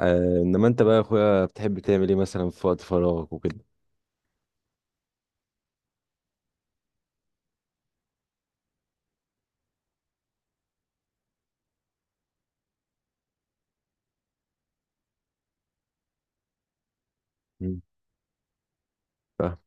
انما انت بقى يا اخويا بتحب تعمل ايه مثلا في وقت فراغك وكده. مم. فاهم.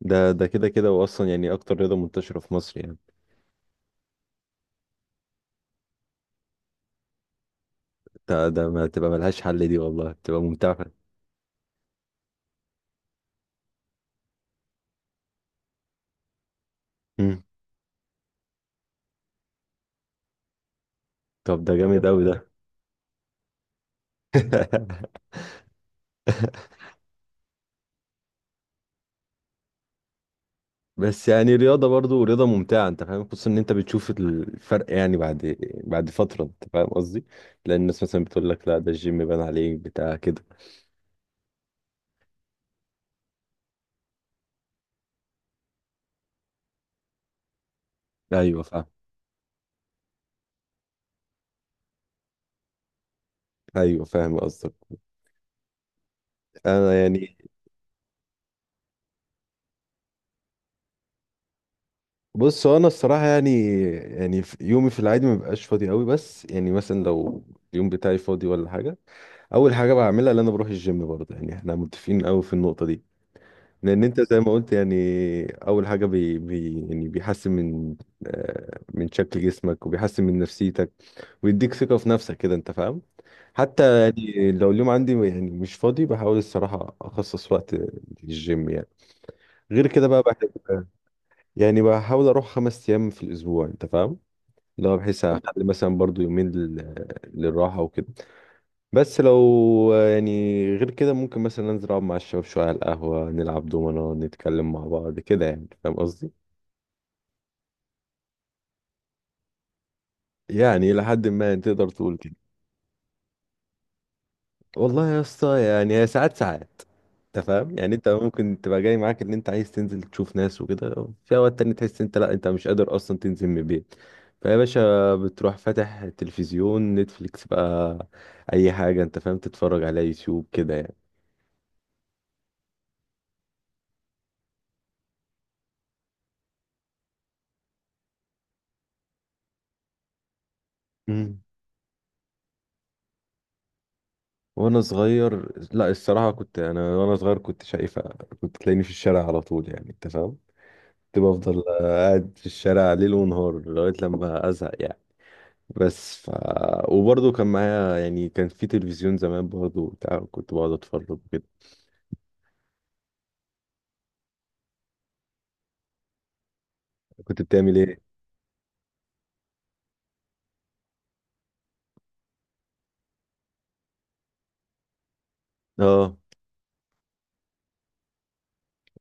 ده كده كده واصلا يعني اكتر رياضه منتشره في مصر يعني. ده ما تبقى ملهاش حل دي، والله بتبقى ممتعه. مم. طب ده جامد قوي ده. بس يعني رياضة، برضو رياضة ممتعة، انت فاهم، خصوصا ان انت بتشوف الفرق يعني بعد فترة، انت فاهم قصدي. لان الناس مثلا بتقول لك لا ده الجيم بان عليك، بتاع كده. ايوه فاهم. ايوه فاهم قصدك. انا يعني. بص، هو انا الصراحة يعني، يعني يومي في العادي ما بيبقاش فاضي قوي، بس يعني مثلا لو اليوم بتاعي فاضي ولا حاجة، اول حاجة بعملها ان انا بروح الجيم برضه. يعني احنا متفقين قوي في النقطة دي، لان انت زي ما قلت يعني، اول حاجه بي بي يعني بيحسن من، من شكل جسمك، وبيحسن من نفسيتك، ويديك ثقه في نفسك كده، انت فاهم. حتى يعني لو اليوم عندي يعني مش فاضي، بحاول الصراحه اخصص وقت للجيم يعني. غير كده بقى بحب، يعني بحاول اروح 5 ايام في الاسبوع، انت فاهم، لو بحيث اخلي مثلا برضو يومين للراحه وكده. بس لو يعني غير كده ممكن مثلا انزل اقعد مع الشباب شويه على القهوه، نلعب دومنا، نتكلم مع بعض كده، يعني فاهم قصدي. يعني لحد ما، يعني تقدر تقول كده. والله يا اسطى يعني هي ساعات ساعات، انت فاهم، يعني انت ممكن تبقى جاي معاك ان انت عايز تنزل تشوف ناس وكده، في اوقات تاني تحس انت لا، انت مش قادر اصلا تنزل من البيت. فيا باشا بتروح فاتح تلفزيون نتفليكس بقى، اي حاجه، انت فاهم، تتفرج على يوتيوب كده. يعني وانا صغير، لا الصراحه كنت، انا وانا صغير كنت شايفه كنت تلاقيني في الشارع على طول، يعني انت فاهم، كنت بفضل قاعد في الشارع ليل ونهار لغايه لما ازهق يعني. بس وبرضه كان معايا يعني، كان في تلفزيون زمان برضه بتاع، كنت بقعد اتفرج كده. كنت بتعمل ايه؟ اه.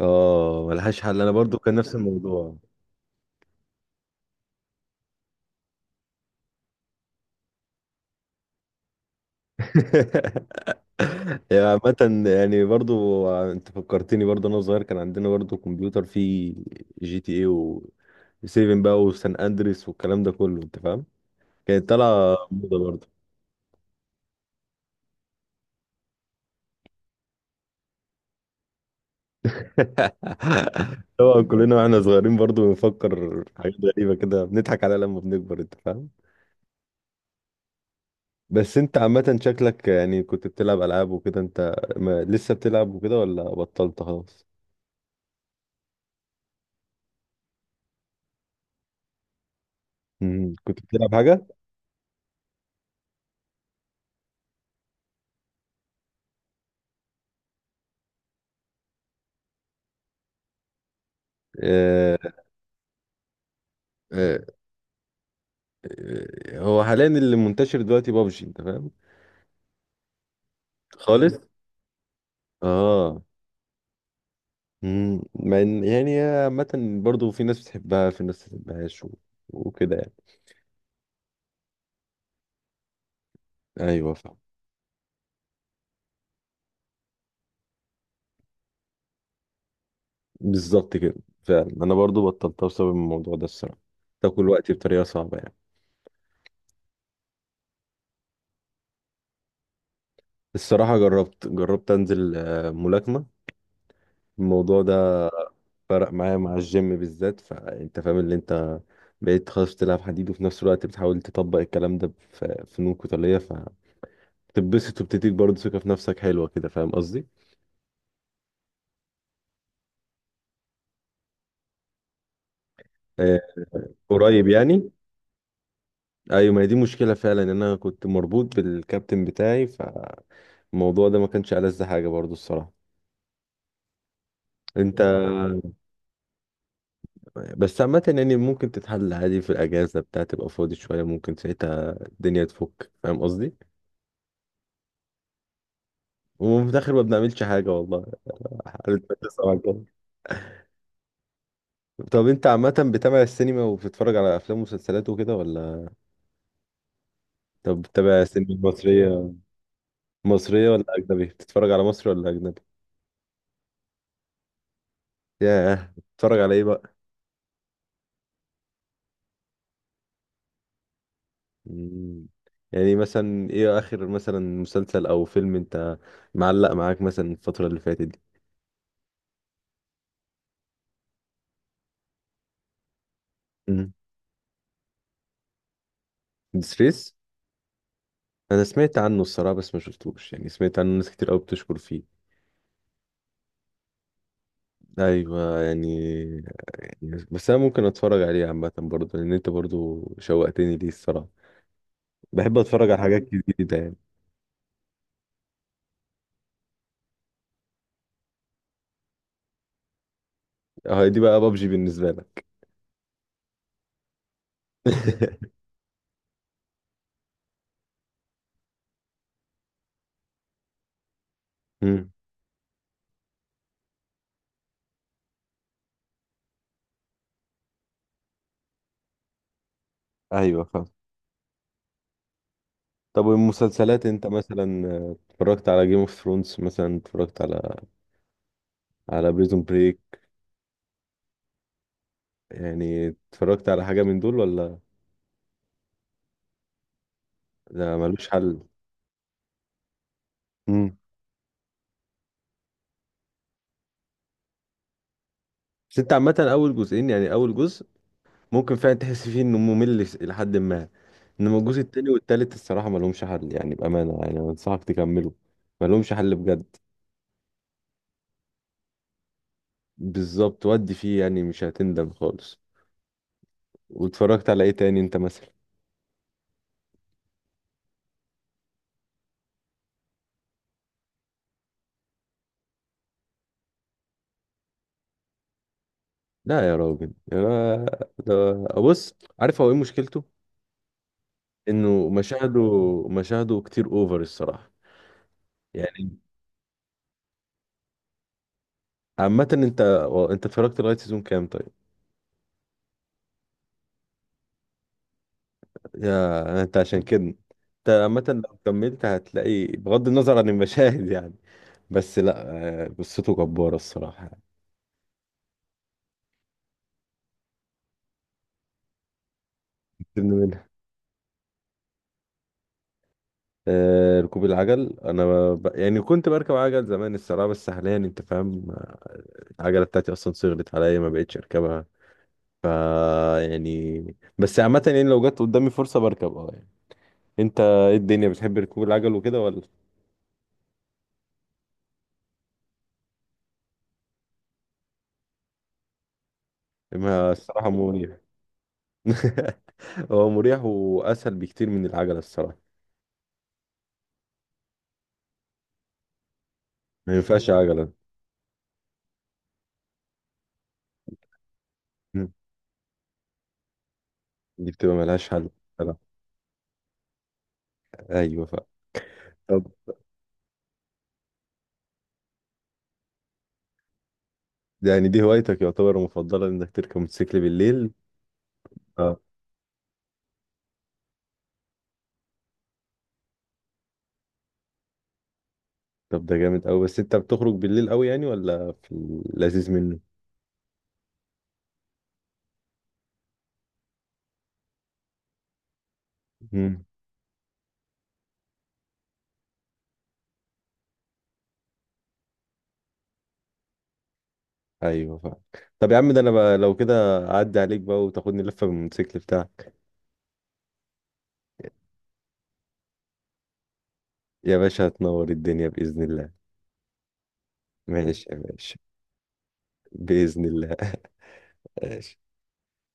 اه ملهاش حل، انا برضه كان نفس الموضوع. يعني عامة يعني برضو انت فكرتني، برضو انا صغير كان عندنا برضو كمبيوتر فيه جي تي اي و 7 بقى وسان اندريس والكلام ده كله، انت فاهم، كانت طالعة موضة برضو. طبعا كلنا واحنا صغيرين برضو بنفكر في حاجات غريبة كده بنضحك عليها لما بنكبر، انت فاهم. بس انت عامة شكلك يعني كنت بتلعب العاب وكده، انت ما لسه بتلعب وكده ولا بطلت خلاص؟ مم. كنت بتلعب حاجة؟ آه، آه. هو حاليا اللي منتشر دلوقتي بابجي، انت فاهم. خالص. اه. مم. مع ان يعني عامة برضه في ناس بتحبها، في ناس ما بتحبهاش، وكده يعني. ايوه فاهم. بالظبط كده. فعلا انا برضه بطلتها بسبب الموضوع ده الصراحة، تاكل وقتي بطريقة صعبة يعني. الصراحة جربت انزل ملاكمة، الموضوع ده فرق معايا مع الجيم بالذات، فانت فاهم اللي انت بقيت خلاص بتلعب حديد وفي نفس الوقت بتحاول تطبق الكلام ده في فنون قتالية، تتبسط، وبتديك برضه ثقة في نفسك حلوة كده، فاهم قصدي؟ آه قريب يعني. ايوه، ما هي دي مشكلة فعلا، ان انا كنت مربوط بالكابتن بتاعي، فالموضوع ده ما كانش ألذ حاجة برضه الصراحة. انت، بس عامة يعني ممكن تتحل عادي في الأجازة بتاع، تبقى فاضي شوية، ممكن ساعتها الدنيا تفك، فاهم قصدي؟ وفي الآخر ما بنعملش حاجة والله، حالة ما تسمع الجو. طب انت عامة بتابع السينما وبتتفرج على أفلام ومسلسلات وكده ولا؟ طب بتتابع سينما مصرية؟ مصرية ولا أجنبي؟ بتتفرج على مصري ولا أجنبي؟ ياه، بتتفرج على ايه بقى؟ مم. يعني مثلا ايه اخر مثلا مسلسل او فيلم انت معلق معاك مثلا الفترة اللي فاتت دي؟ مم. ديسريس؟ انا سمعت عنه الصراحة بس ما شفتوش، يعني سمعت عنه ناس كتير قوي بتشكر فيه. ايوه يعني. يعني بس انا ممكن اتفرج عليه عامة، برضه لان انت برضه شوقتني ليه الصراحة، بحب اتفرج على حاجات جديدة يعني. اه دي بقى بابجي بالنسبة لك. مم. ايوه فاهم. طب والمسلسلات، انت مثلا اتفرجت على جيم اوف ثرونز مثلا، اتفرجت على على بريزون بريك، يعني اتفرجت على حاجة من دول ولا؟ ده ملوش حل. امم بس انت عامة اول جزئين، يعني اول جزء ممكن فعلا تحس فيه انه ممل، لحد ما انما الجزء التاني والتالت الصراحة ملهمش حل يعني، بأمانة يعني انا انصحك تكمله، ملهمش حل بجد. بالظبط، ودي فيه يعني مش هتندم خالص. واتفرجت على ايه تاني انت مثلا؟ لا يا راجل، ده، بص، عارف هو ايه مشكلته؟ انه مشاهده، مشاهده كتير اوفر الصراحه، يعني. عامه انت اتفرجت لغايه سيزون كام طيب؟ يا انت عشان كده انت عامه لو كملت هتلاقي بغض النظر عن المشاهد يعني، بس لا، قصته جباره الصراحه. سيبنا منها. ركوب العجل، انا يعني كنت بركب عجل زمان الصراحه، بس حاليا انت فاهم العجله بتاعتي اصلا صغرت عليا، ما بقتش اركبها. ف يعني، بس عامه يعني لو جت قدامي فرصه بركب، اه يعني. انت ايه الدنيا بتحب ركوب العجل وكده ولا؟ ما الصراحة مريح. هو مريح واسهل بكتير من العجلة الصراحة. ما ينفعش عجلة، دي بتبقى ملهاش حل الصراحة. ايوه. طب يعني دي هوايتك يعتبر المفضلة، انك تركب موتوسيكل بالليل. اه. طب ده جامد قوي، بس انت بتخرج بالليل قوي يعني ولا في اللذيذ منه؟ مم. ايوه فاهم. طب يا عم ده انا بقى لو كده اعدي عليك بقى وتاخدني لفة بالموتوسيكل بتاعك. يا باشا هتنور الدنيا بإذن الله. ماشي يا باشا. بإذن الله. ماشي.